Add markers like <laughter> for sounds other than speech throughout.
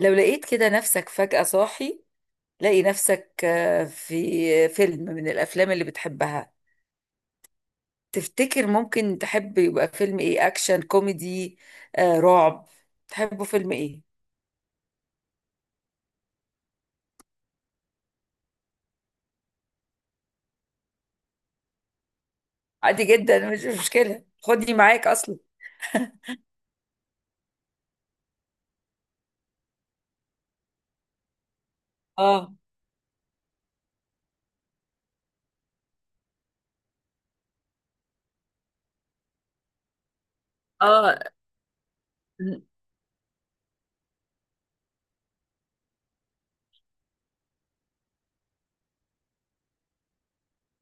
لو لقيت كده نفسك فجأة صاحي، لاقي نفسك في فيلم من الأفلام اللي بتحبها. تفتكر ممكن تحب يبقى فيلم إيه؟ أكشن كوميدي، رعب؟ تحبه فيلم إيه؟ عادي جدا، مش مشكلة، خدني معاك أصلا. آه. اه.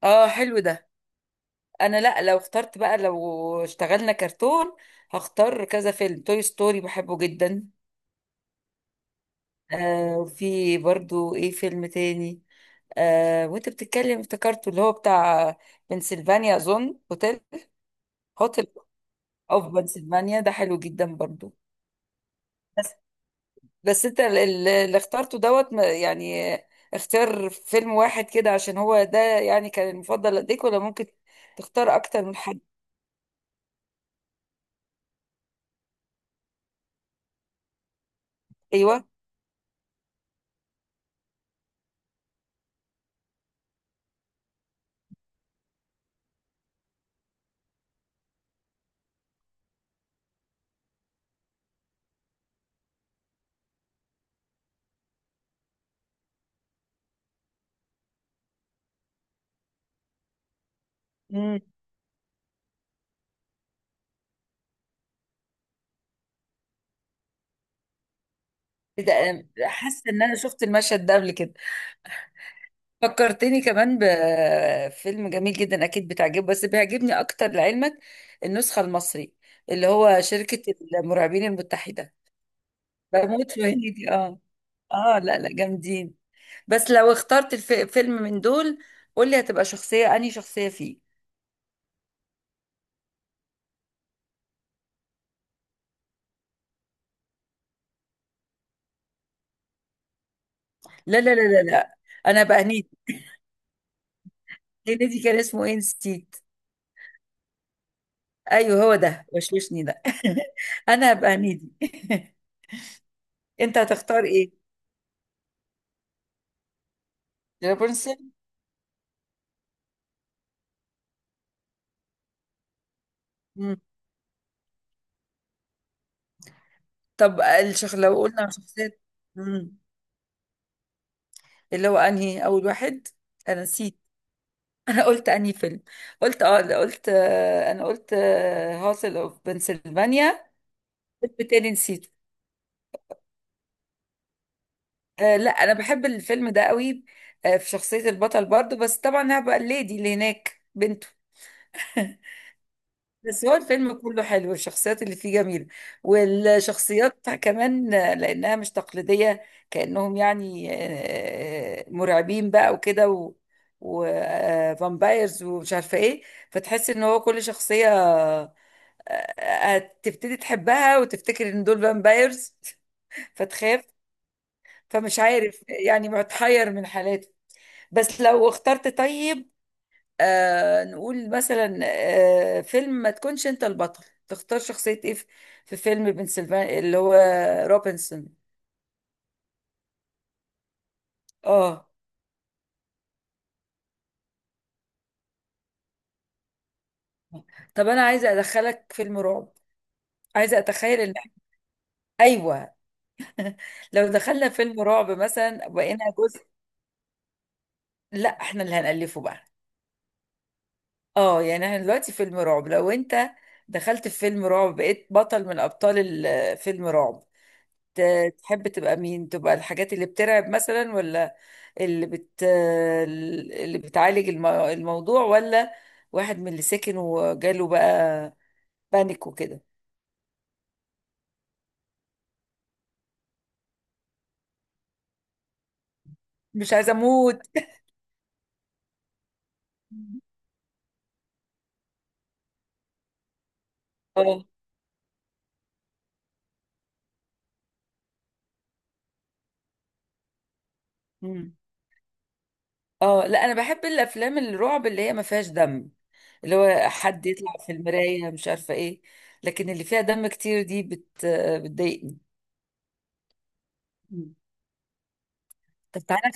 حلو ده. أنا لأ، لو اخترت بقى، لو اشتغلنا كرتون هختار كذا فيلم. توي ستوري بحبه جدا. في برضو إيه؟ فيلم تاني، وانت بتتكلم افتكرته، اللي هو بتاع بنسلفانيا، اظن هوتيل. هوتيل اوف بنسلفانيا ده حلو جدا برضو. بس بس انت اللي اخترته دوت ما- يعني اختار فيلم واحد كده، عشان هو ده يعني كان المفضل لديك، ولا ممكن تختار اكتر من حد؟ ايوه. امم. ده حاسه ان انا شفت المشهد ده قبل كده. فكرتني كمان بفيلم جميل جدا، اكيد بتعجبه، بس بيعجبني اكتر لعلمك، النسخه المصري اللي هو شركه المرعبين المتحده. بموت في هنيدي. اه. اه لا لا، جامدين. بس لو اخترت فيلم من دول، قول لي هتبقى شخصيه، انهي شخصيه فيه؟ لا لا لا لا لا. انا بقى هنيدي. هنيدي كان اسمه ايه، نسيت. ايوه، هو ده وشوشني ده. <laughs> انا هبقى هنيدي. <laughs> انت هتختار ايه؟ رابنزل. طب لو قلنا على شخصيات، مم. اللي هو انهي اول واحد؟ انا نسيت. <laughs> انا قلت انهي فيلم؟ قلت لا، قلت انا قلت هاسل اوف بنسلفانيا. فيلم تاني نسيته. لا انا بحب الفيلم ده قوي. في شخصية البطل برضو، بس طبعا هبقى الليدي اللي هناك بنته. <laughs> بس هو الفيلم كله حلو، والشخصيات اللي فيه جميلة، والشخصيات كمان لأنها مش تقليدية. كأنهم يعني مرعبين بقى وكده، وفامبايرز ومش عارفة ايه. فتحس ان هو كل شخصية آه، تبتدي تحبها، وتفتكر ان دول فامبايرز <laughs> فتخاف. فمش عارف يعني، متحير من حالاته. بس لو اخترت طيب، نقول مثلا، فيلم ما تكونش انت البطل، تختار شخصية ايه في في فيلم بنسلفانيا، اللي هو روبنسون. اه. طب انا عايزة ادخلك فيلم رعب، عايزة اتخيل ان، ايوه، لو دخلنا فيلم رعب مثلا بقينا جزء. لا احنا اللي هنألفه بقى. اه، يعني احنا دلوقتي فيلم رعب، لو انت دخلت في فيلم رعب بقيت بطل من ابطال فيلم رعب، تحب تبقى مين؟ تبقى الحاجات اللي بترعب مثلا، ولا اللي بت اللي بتعالج الموضوع، ولا واحد من اللي ساكن وجاله بقى بانيك وكده؟ مش عايزه اموت. <laughs> اه. مم. اه لا، انا بحب الافلام الرعب اللي هي ما فيهاش دم، اللي هو حد يطلع في المرايه مش عارفه ايه. لكن اللي فيها دم كتير دي بتضايقني. مم. طب تعالى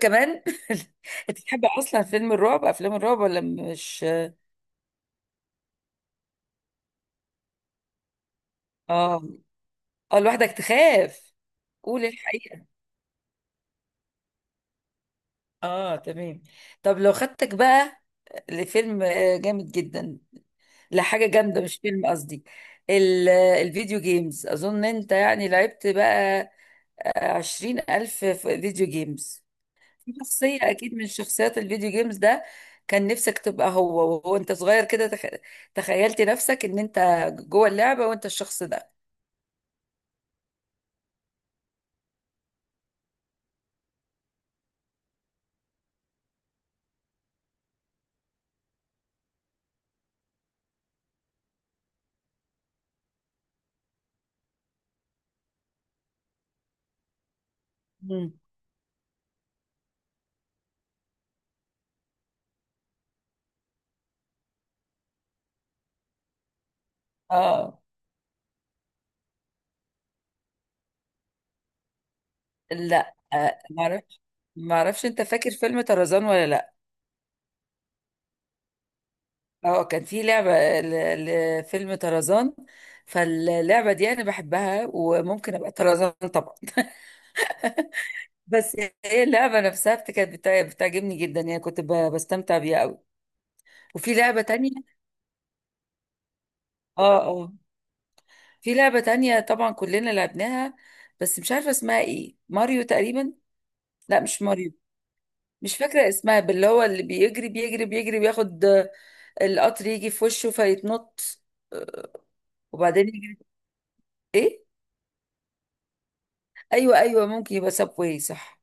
كمان. <laughs> انت بتحب اصلا فيلم الرعب افلام الرعب، ولا مش؟ اه. اه، لوحدك تخاف. قول الحقيقة. اه تمام. طب لو خدتك بقى لفيلم جامد جدا، لحاجة جامدة مش فيلم قصدي، الفيديو جيمز. أظن أنت يعني لعبت بقى 20,000 فيديو جيمز. في شخصية أكيد من شخصيات الفيديو جيمز ده كان نفسك تبقى هو، وهو أنت صغير كده تخيلت نفسك إن أنت جوه اللعبة وأنت الشخص ده. مم. اه لا، معرفش. انت فاكر فيلم طرزان ولا لا؟ اه كان في لعبة ل- لفيلم طرزان. فاللعبة دي انا بحبها، وممكن ابقى طرزان طبعا. بس هي اللعبة نفسها بتعجبني جدا يعني، كنت بستمتع بيها قوي. وفي لعبة تانية. اه اه. في لعبة تانية طبعا كلنا لعبناها، بس مش عارفة اسمها ايه، ماريو تقريبا. لا مش ماريو. مش فاكرة اسمها، باللي هو اللي بيجري بيجري بيجري بياخد القطر يجي في وشه فيتنط، وبعدين يجي ايه؟ ايوه ايوه، ممكن يبقى سبواي، صح.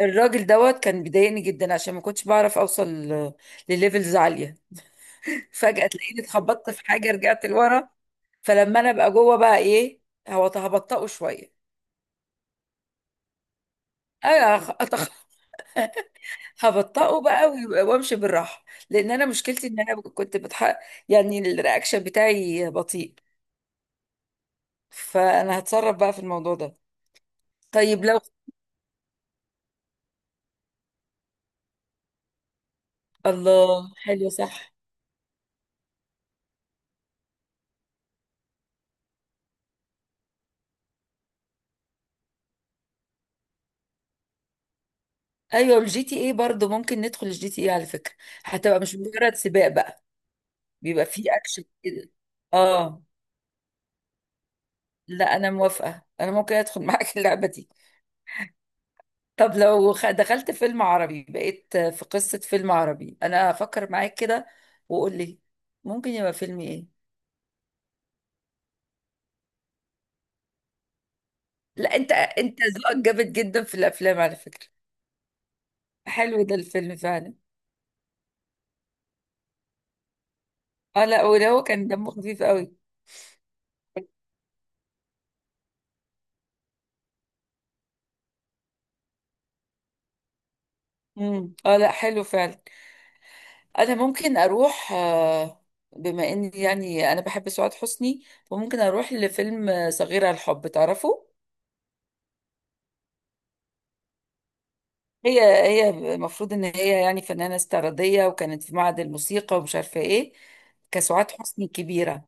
الراجل دوت كان بيضايقني جدا، عشان ما كنتش بعرف اوصل لليفلز عاليه. <laughs> فجاه تلاقيني اتخبطت في حاجه رجعت لورا. فلما انا ابقى جوه بقى ايه، هو هبطئه شويه. انا هبطئه بقى، وامشي بالراحه، لان انا مشكلتي ان انا كنت بتحق، يعني الرياكشن بتاعي بطيء، فانا هتصرف بقى في الموضوع ده. طيب لو، الله حلو صح. ايوه الجي تي اي برضه، ممكن ندخل الجي تي اي على فكره. هتبقى مش مجرد سباق بقى، بيبقى فيه اكشن كده. اه. لا انا موافقه، انا ممكن ادخل <laughs> معاك اللعبه دي. طب لو دخلت فيلم عربي بقيت في قصه فيلم عربي، انا افكر معاك كده وقول لي ممكن يبقى فيلم ايه. لا انت، ذوقك جامد جدا في الافلام على فكره. حلو ده الفيلم فعلا. اه لا، وده هو كان دمه خفيف قوي. امم. اه لا، حلو فعلا. انا ممكن اروح بما اني يعني انا بحب سعاد حسني، فممكن اروح لفيلم صغيرة الحب، تعرفه؟ هي هي المفروض ان هي يعني فنانة استعراضية، وكانت في معهد الموسيقى ومش عارفة ايه، كسعاد حسني كبيرة.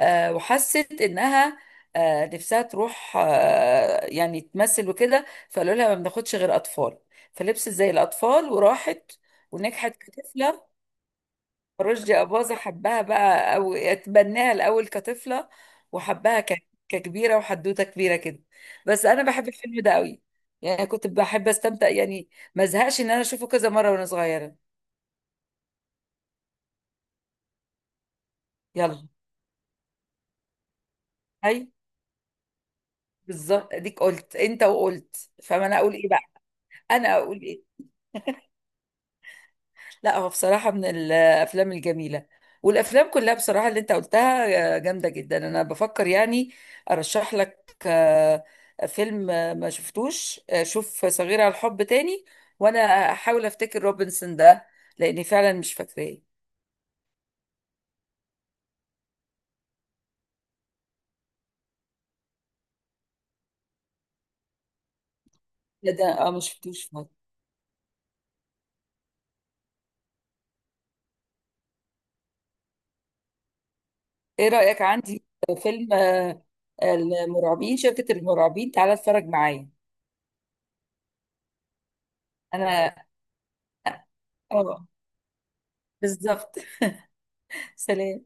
وحست انها نفسها تروح يعني تمثل وكده، فقالوا لها ما بناخدش غير اطفال، فلبست زي الاطفال وراحت ونجحت كطفلة. رشدي أباظة حبها بقى، أو اتبناها الأول كطفلة، وحبها ككبيرة، وحدوتة كبيرة كده. بس أنا بحب الفيلم ده قوي، يعني كنت بحب أستمتع يعني. ما زهقش إن أنا أشوفه كذا مرة وأنا صغيرة. يلا. هاي، بالظبط، أديك قلت أنت وقلت، فما أنا أقول إيه بقى؟ أنا أقول إيه؟ لا هو بصراحة من الأفلام الجميلة. والأفلام كلها بصراحة اللي أنت قلتها جامدة جدا. أنا بفكر يعني أرشح لك فيلم ما شفتوش، شوف صغيرة على الحب تاني، وأنا أحاول أفتكر روبنسون ده لأني فعلا مش فاكراه. لا ده ما شفتوش خالص. إيه رأيك عندي فيلم المرعبين، المرعبين، تعالى اتفرج معايا. أنا. أه، بالظبط. <laughs> سلام.